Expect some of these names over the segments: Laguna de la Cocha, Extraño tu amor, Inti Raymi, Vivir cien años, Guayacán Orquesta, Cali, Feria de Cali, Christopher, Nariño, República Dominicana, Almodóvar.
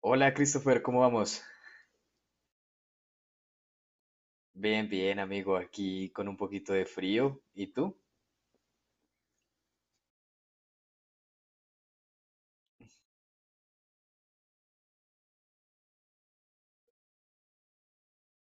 Hola Christopher, ¿cómo vamos? Bien, bien, amigo, aquí con un poquito de frío. ¿Y tú?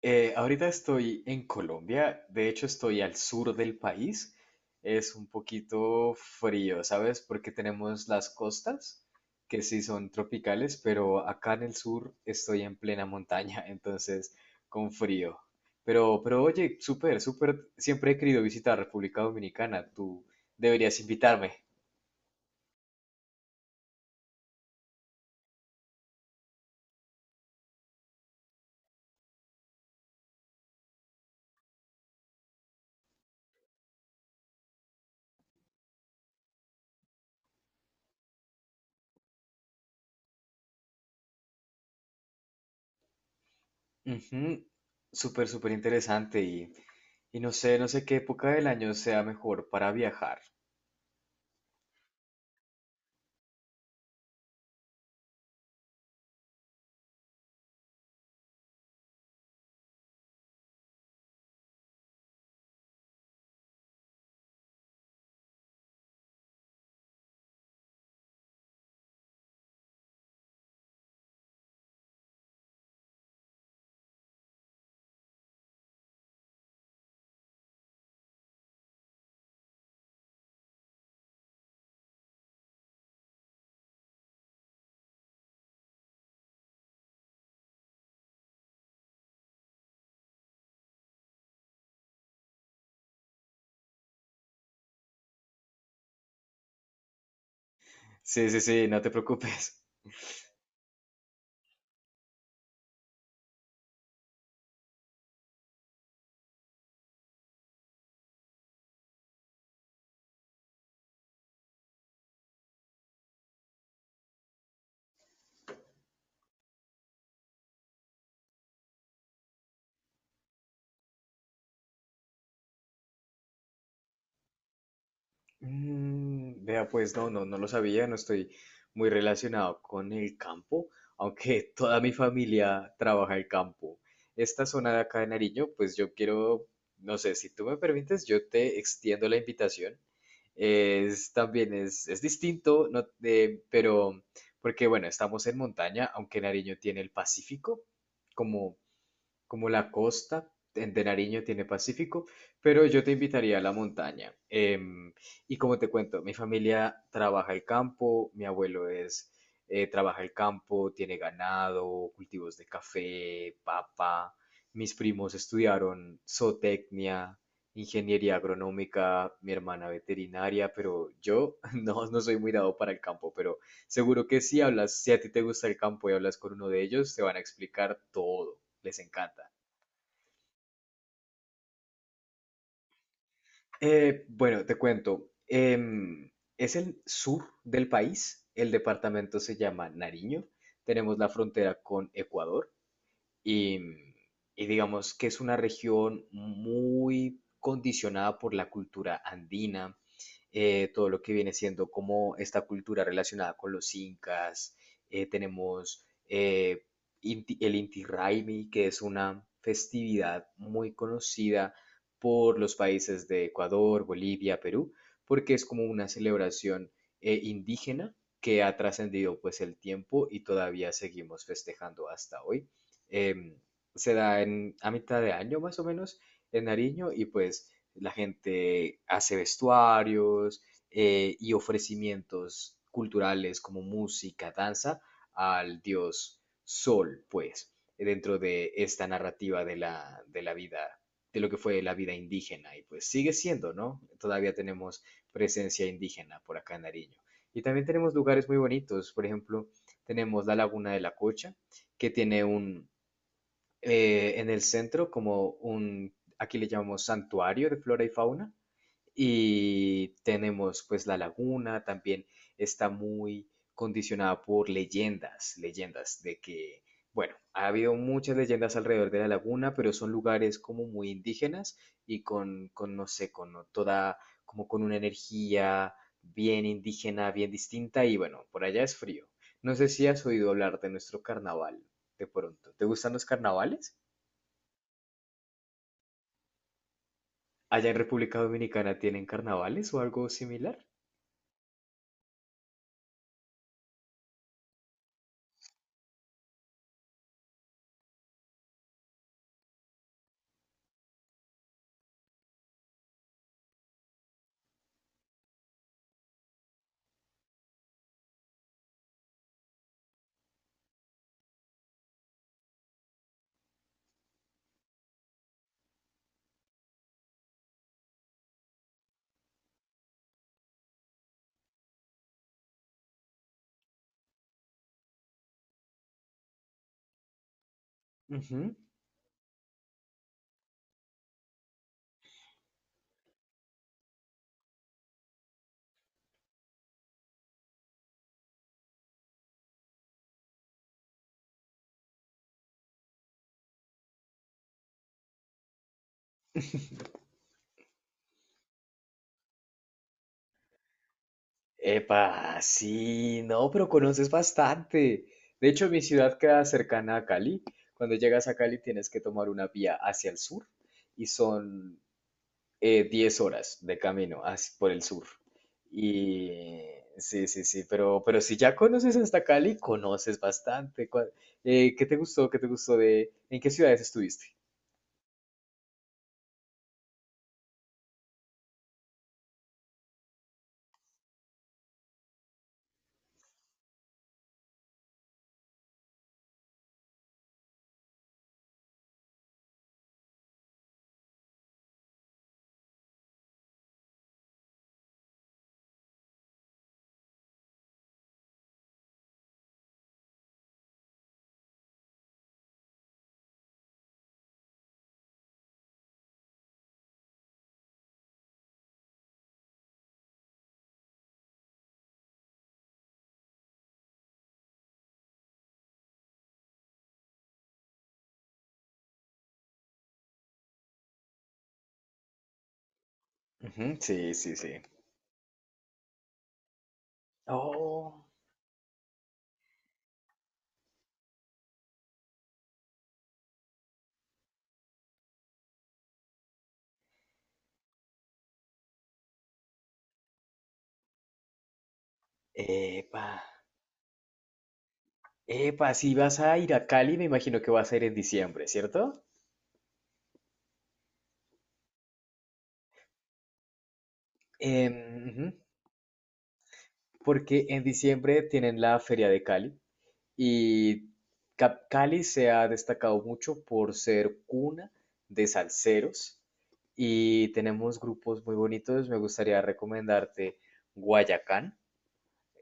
Ahorita estoy en Colombia, de hecho estoy al sur del país. Es un poquito frío, ¿sabes? Porque tenemos las costas, que sí son tropicales, pero acá en el sur estoy en plena montaña, entonces con frío. Pero oye, súper, súper, siempre he querido visitar República Dominicana, tú deberías invitarme. Ujú, súper, súper interesante y no sé qué época del año sea mejor para viajar. Sí, sí, sí, no te preocupes. Mm, vea, pues no, no, no lo sabía, no estoy muy relacionado con el campo, aunque toda mi familia trabaja el campo. Esta zona de acá de Nariño, pues yo quiero, no sé, si tú me permites, yo te extiendo la invitación. Es también es distinto, no, pero porque bueno, estamos en montaña, aunque Nariño tiene el Pacífico como como la costa de Nariño tiene Pacífico, pero yo te invitaría a la montaña. Y como te cuento, mi familia trabaja el campo, mi abuelo es, trabaja el campo, tiene ganado, cultivos de café, papa. Mis primos estudiaron zootecnia, ingeniería agronómica, mi hermana veterinaria, pero yo no, no soy muy dado para el campo, pero seguro que si hablas, si a ti te gusta el campo y hablas con uno de ellos, te van a explicar todo les encanta. Bueno, te cuento. Es el sur del país. El departamento se llama Nariño. Tenemos la frontera con Ecuador y, y digamos que es una región muy condicionada por la cultura andina, todo lo que viene siendo como esta cultura relacionada con los incas. Tenemos el Inti Raymi, que es una festividad muy conocida por los países de Ecuador, Bolivia, Perú, porque es como una celebración indígena que ha trascendido pues el tiempo y todavía seguimos festejando hasta hoy. Em, Se da a mitad de año más o menos en Nariño y pues la gente hace vestuarios y ofrecimientos culturales como música, danza al dios Sol, pues, dentro de esta narrativa de la vida, de lo que fue la vida indígena. Y pues sigue siendo, ¿no? Todavía tenemos presencia indígena por acá en Nariño. Y también tenemos lugares muy bonitos, por ejemplo, tenemos la Laguna de la Cocha, que tiene un, en el centro como un, aquí le llamamos santuario de flora y fauna, y tenemos pues la laguna, también está muy condicionada por leyendas, leyendas de que, bueno, ha habido muchas leyendas alrededor de la laguna, pero son lugares como muy indígenas y con no sé, con toda, como con una energía bien indígena, bien distinta, y bueno, por allá es frío. No sé si has oído hablar de nuestro carnaval, de pronto. ¿Te gustan los carnavales? Allá en República Dominicana tienen carnavales o algo similar. Ujú. Epa, sí, no, pero conoces bastante. De hecho, mi ciudad queda cercana a Cali. Cuando llegas a Cali tienes que tomar una vía hacia el sur y son 10 horas de camino por el sur. Y sí, sí, sí, pero si ya conoces hasta Cali, conoces bastante. ¿Qué te gustó? ¿Qué te gustó de... ¿En qué ciudades estuviste? Ujú, sí, sí, sí. Oh. Epa, epa, si vas a ir a Cali, me imagino que va a ser en diciembre, ¿cierto? Ujú, porque en diciembre tienen la Feria de Cali y Cali se ha destacado mucho por ser cuna de salseros y tenemos grupos muy bonitos. Me gustaría recomendarte Guayacán.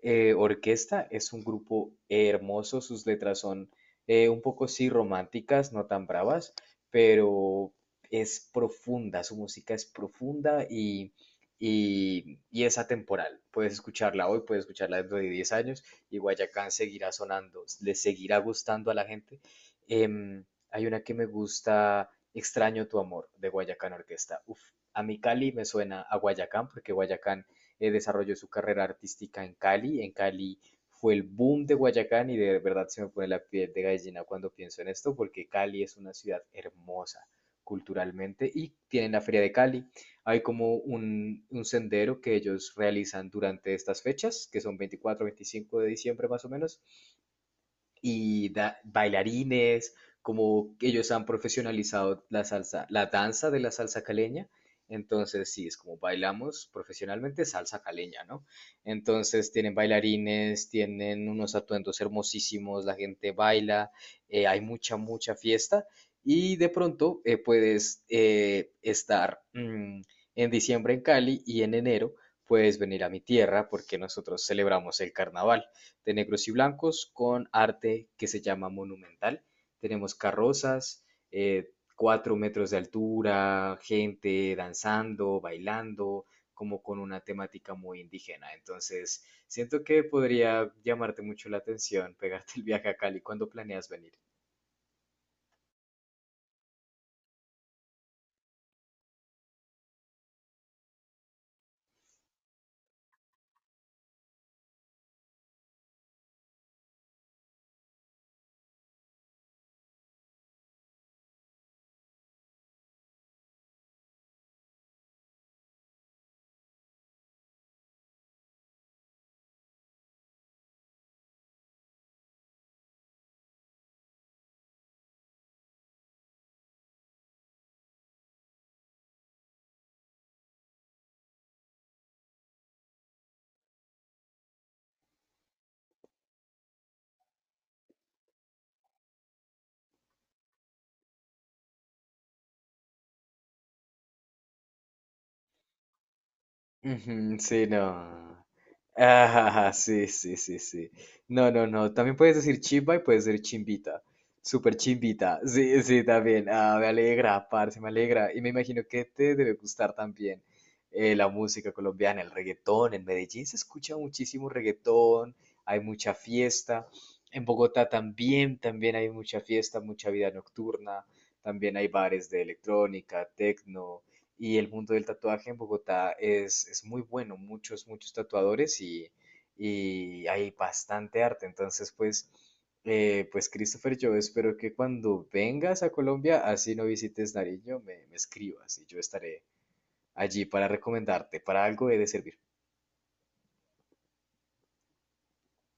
Orquesta es un grupo hermoso, sus letras son un poco sí románticas, no tan bravas, pero es profunda, su música es profunda y es atemporal. Puedes escucharla hoy, puedes escucharla dentro de 10 años y Guayacán seguirá sonando, le seguirá gustando a la gente. Em, Hay una que me gusta, Extraño tu amor, de Guayacán Orquesta. Uf, a mi Cali me suena a Guayacán porque Guayacán desarrolló su carrera artística en Cali. En Cali fue el boom de Guayacán y de verdad se me pone la piel de gallina cuando pienso en esto, porque Cali es una ciudad hermosa culturalmente y tienen la Feria de Cali. Hay como un sendero que ellos realizan durante estas fechas, que son 24, 25 de diciembre más o menos, y bailarines, como ellos han profesionalizado la salsa, la danza de la salsa caleña. Entonces, sí, es como bailamos profesionalmente salsa caleña, ¿no? Entonces, tienen bailarines, tienen unos atuendos hermosísimos, la gente baila, hay mucha, mucha fiesta y de pronto puedes estar en diciembre en Cali y en enero puedes venir a mi tierra porque nosotros celebramos el carnaval de negros y blancos con arte que se llama monumental. Tenemos carrozas, eh, 4 metros de altura, gente danzando, bailando, como con una temática muy indígena. Entonces, siento que podría llamarte mucho la atención pegarte el viaje a Cali cuando planeas venir. Ujú, sí, no. Ah, sí, sí, sí, sí. No, no, no. También puedes decir chimba y puedes decir chimbita. Súper chimbita. Sí, sí, también. Ah, me alegra, parce, me alegra. Y me imagino que te debe gustar también la música colombiana, el reggaetón. En Medellín se escucha muchísimo reggaetón, hay mucha fiesta. En Bogotá también, también hay mucha fiesta, mucha vida nocturna. También hay bares de electrónica, tecno. Y el mundo del tatuaje en Bogotá es muy bueno, muchos, muchos tatuadores y hay bastante arte. Entonces, pues, pues Christopher, yo espero que cuando vengas a Colombia, así no visites Nariño, me escribas y yo estaré allí para recomendarte, para algo he de servir.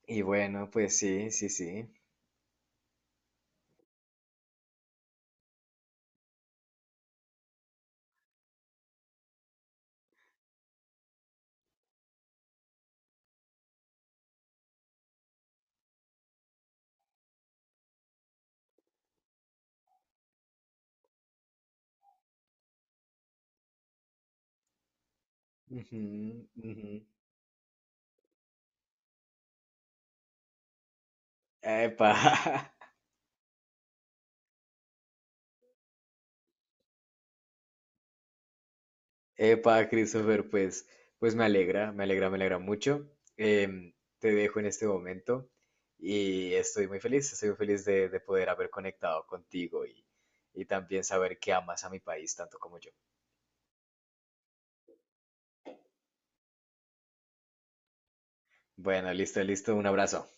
Y bueno, pues sí, sí, sí. Ujú, ujú. Epa. Epa, Christopher, pues, pues me alegra, me alegra, me alegra mucho. Em, Te dejo en este momento y estoy muy feliz de poder haber conectado contigo y también saber que amas a mi país tanto como yo. Bueno, listo, listo, un abrazo.